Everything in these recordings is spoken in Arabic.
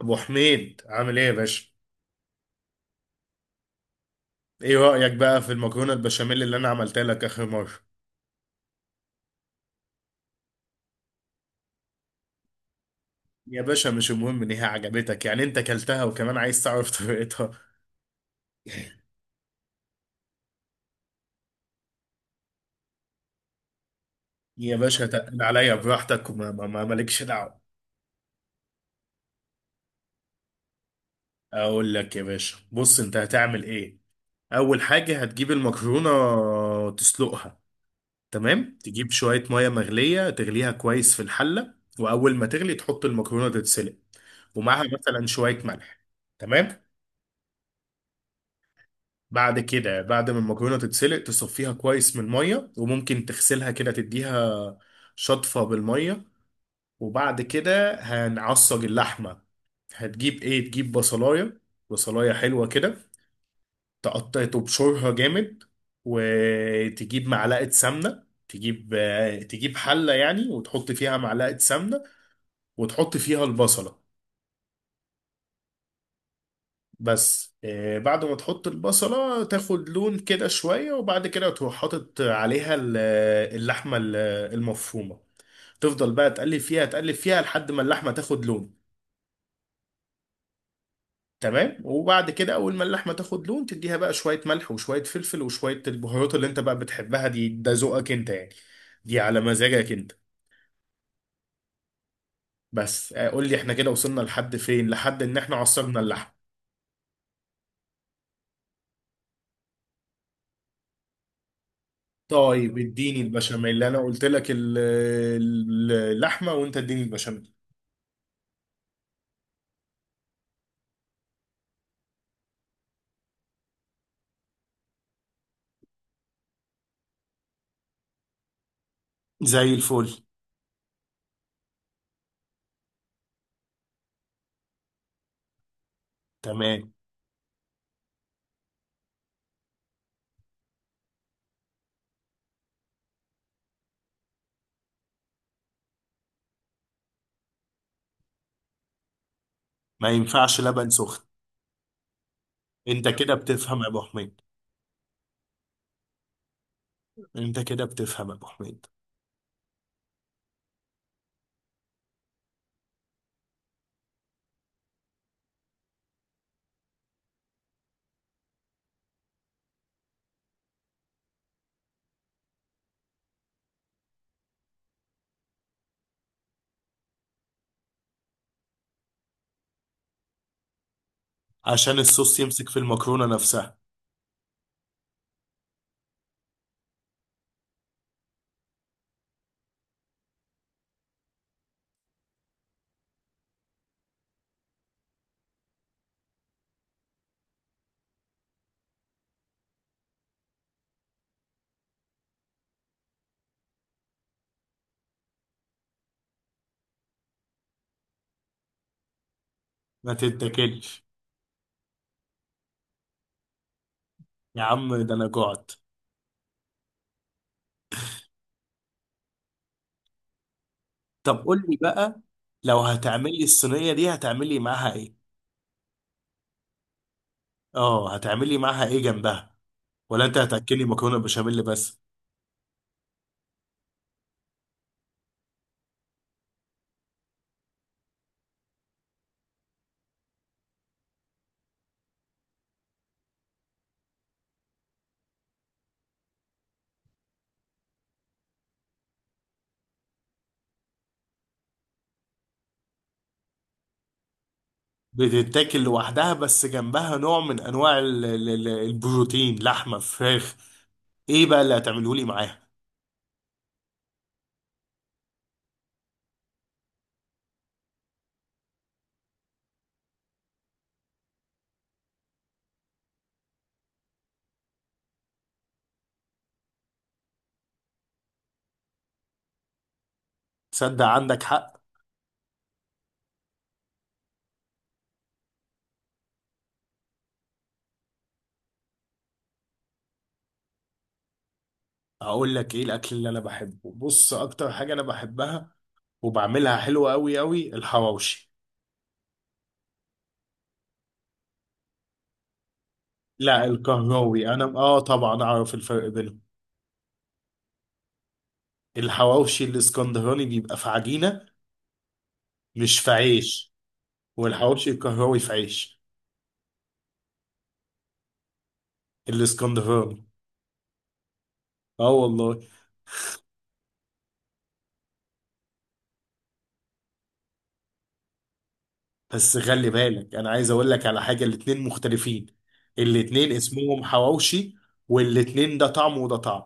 ابو حميد، عامل ايه يا باشا؟ ايه رأيك بقى في المكرونة البشاميل اللي انا عملتها لك اخر مرة؟ يا باشا، مش المهم ان هي عجبتك، يعني انت كلتها وكمان عايز تعرف طريقتها؟ يا باشا، تقل عليا براحتك، وما مالكش دعوة. اقول لك يا باشا، بص انت هتعمل ايه. اول حاجة، هتجيب المكرونة تسلقها. تمام، تجيب شوية مية مغلية تغليها كويس في الحلة. واول ما تغلي تحط المكرونة تتسلق، ومعها مثلا شوية ملح. تمام. بعد كده، بعد ما المكرونه تتسلق تصفيها كويس من الميه، وممكن تغسلها كده، تديها شطفه بالميه. وبعد كده هنعصج اللحمه. هتجيب ايه؟ تجيب بصلايه، بصلايه حلوه كده. تقطع تبشرها جامد. وتجيب معلقه سمنه، تجيب تجيب حله يعني، وتحط فيها معلقه سمنه، وتحط فيها البصله. بس بعد ما تحط البصلة تاخد لون كده شوية، وبعد كده تروح حاطط عليها اللحمة المفرومة. تفضل بقى تقلب فيها تقلب فيها لحد ما اللحمة تاخد لون. تمام. وبعد كده أول ما اللحمة تاخد لون، تديها بقى شوية ملح وشوية فلفل وشوية البهارات اللي أنت بقى بتحبها دي، ده ذوقك أنت يعني. دي على مزاجك أنت. بس قول لي إحنا كده وصلنا لحد فين؟ لحد إن إحنا عصرنا اللحمة. طيب اديني البشاميل، انا قلت لك اللحمه، وانت اديني البشاميل. زي الفل. تمام. ما ينفعش لبن سخن. انت كده بتفهم يا ابو حميد. انت كده بتفهم يا ابو حميد. عشان الصوص يمسك في المكرونة نفسها. ما تتاكلش. يا عم، ده انا جعت. طب قول لي بقى، لو هتعملي الصينية دي هتعملي معاها ايه؟ اه، هتعملي معاها ايه جنبها؟ ولا انت هتاكلي مكرونة بشاميل بس؟ بتتاكل لوحدها، بس جنبها نوع من انواع البروتين، لحمة، فراخ. ايه بقى اللي هتعمله لي معاها؟ تصدق عندك حق. هقول لك ايه الاكل اللي انا بحبه، بص اكتر حاجه انا بحبها وبعملها حلوة قوي قوي، الحواوشي. لا، القهراوي انا طبعا اعرف الفرق بينهم. الحواوشي الاسكندراني بيبقى في عجينه، مش في عيش. والحواوشي القهراوي في عيش. الاسكندراني. اه والله. بس خلي بالك، انا عايز اقول لك على حاجه، الاتنين مختلفين. الاتنين اسمهم حواوشي، والاتنين ده طعم وده طعم.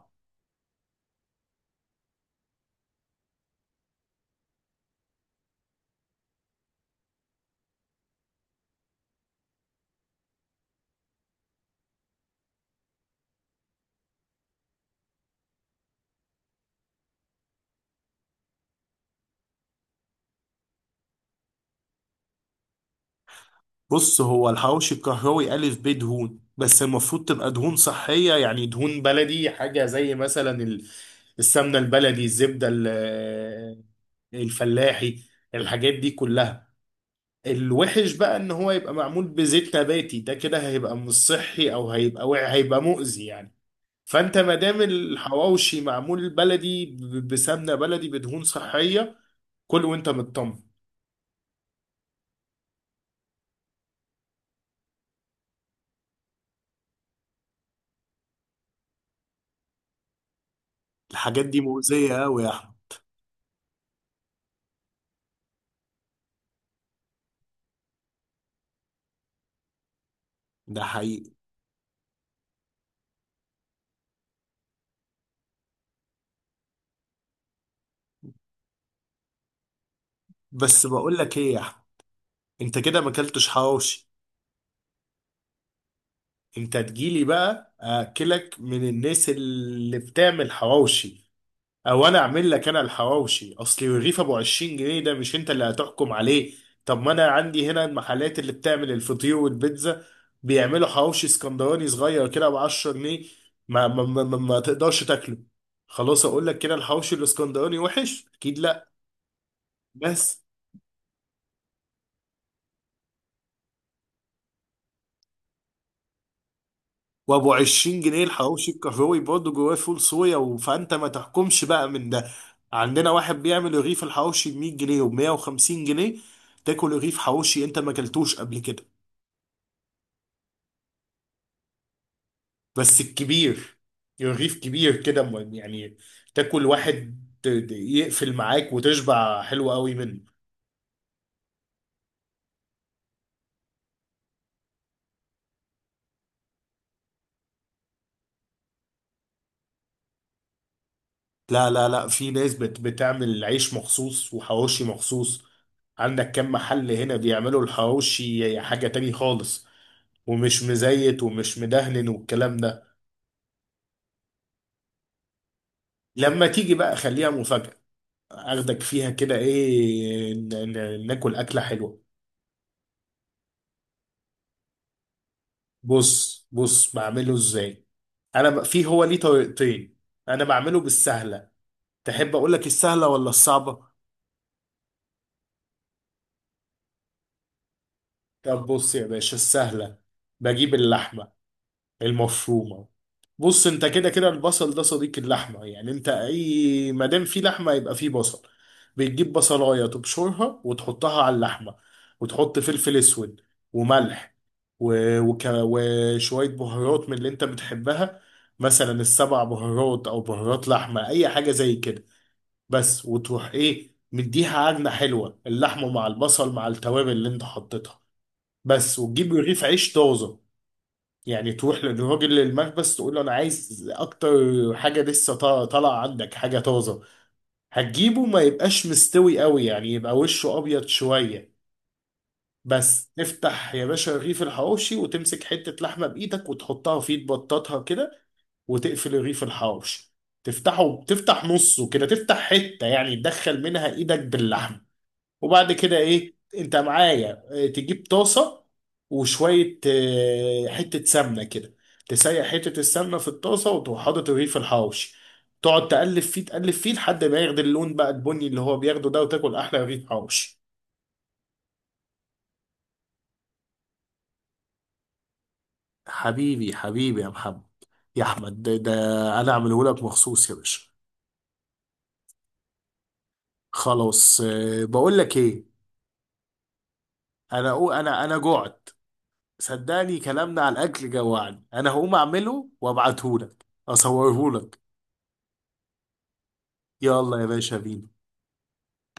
بص، هو الحواوشي الكهراوي ألف ب دهون، بس المفروض تبقى دهون صحية، يعني دهون بلدي، حاجة زي مثلا السمنة البلدي، الزبدة الفلاحي، الحاجات دي كلها. الوحش بقى ان هو يبقى معمول بزيت نباتي، ده كده هيبقى مش صحي، او هيبقى هيبقى مؤذي يعني. فانت ما دام الحواوشي معمول بلدي، بسمنة بلدي، بدهون صحية، كل وانت مطمن. الحاجات دي مؤذية قوي يا احمد. ده حقيقي. بس بقول لك ايه يا احمد، انت كده ما اكلتش حواوشي. انت تجيلي بقى اكلك من الناس اللي بتعمل حواوشي، او انا اعمل لك انا الحواوشي اصلي. الرغيف ابو 20 جنيه ده مش انت اللي هتحكم عليه. طب ما انا عندي هنا المحلات اللي بتعمل الفطير والبيتزا بيعملوا حواوشي اسكندراني صغير كده ب 10 جنيه، ما تقدرش تاكله. خلاص اقول لك كده الحواوشي الاسكندراني وحش؟ اكيد لا. بس. وابو 20 جنيه الحواوشي الكهروي برضه جواه فول صويا، فانت ما تحكمش بقى من ده. عندنا واحد بيعمل رغيف الحواوشي ب 100 جنيه و 150 جنيه، تاكل رغيف حواوشي انت ما اكلتوش قبل كده. بس الكبير، رغيف كبير كده، يعني تاكل واحد يقفل معاك وتشبع حلو قوي منه. لا لا لا، في ناس بتعمل عيش مخصوص وحواوشي مخصوص. عندك كم محل هنا بيعملوا الحواوشي حاجة تاني خالص، ومش مزيت ومش مدهن والكلام ده. لما تيجي بقى خليها مفاجأة، اخدك فيها كده، ايه، ناكل أكلة حلوة. بص بص بعمله ازاي. انا في هو ليه طريقتين. انا بعمله بالسهلة. تحب اقول لك السهلة ولا الصعبة؟ طب بص يا باشا السهلة. بجيب اللحمة المفرومة. بص، انت كده كده البصل ده صديق اللحمه، يعني انت اي ما دام في لحمه يبقى في بصل. بتجيب بصلايه تبشرها وتحطها على اللحمه، وتحط فلفل اسود وملح، وشويه بهارات من اللي انت بتحبها، مثلا السبع بهارات او بهارات لحمه اي حاجه زي كده. بس، وتروح ايه مديها عجنه حلوه، اللحمه مع البصل مع التوابل اللي انت حطيتها. بس. وتجيب رغيف عيش طازه، يعني تروح للراجل للمخبز تقول له انا عايز اكتر حاجه لسه طالعه عندك، حاجه طازه. هتجيبه ما يبقاش مستوي قوي، يعني يبقى وشه ابيض شويه. بس تفتح يا باشا رغيف الحواوشي وتمسك حته لحمه بايدك وتحطها فيه، تبططها كده، وتقفل رغيف الحواوشي. تفتحه، تفتح نصه كده، تفتح حته يعني تدخل منها ايدك باللحمه. وبعد كده، ايه، انت معايا، تجيب طاسه، وشويه حته سمنه كده. تسيح حته السمنه في الطاسه، وتروح حاطط الرغيف الحواوشي، تقعد تقلب فيه تقلب فيه لحد ما ياخد اللون بقى، البني اللي هو بياخده ده، وتاكل احلى رغيف حواوشي. حبيبي حبيبي يا محمد، يا احمد، ده انا اعمله لك مخصوص يا باشا. خلاص، بقول لك ايه. انا أقو- انا انا جوعت. صدقني، كلامنا على الاكل جوعني، انا هقوم اعمله وابعته لك، اصوره لك. يلا يا باشا بينا.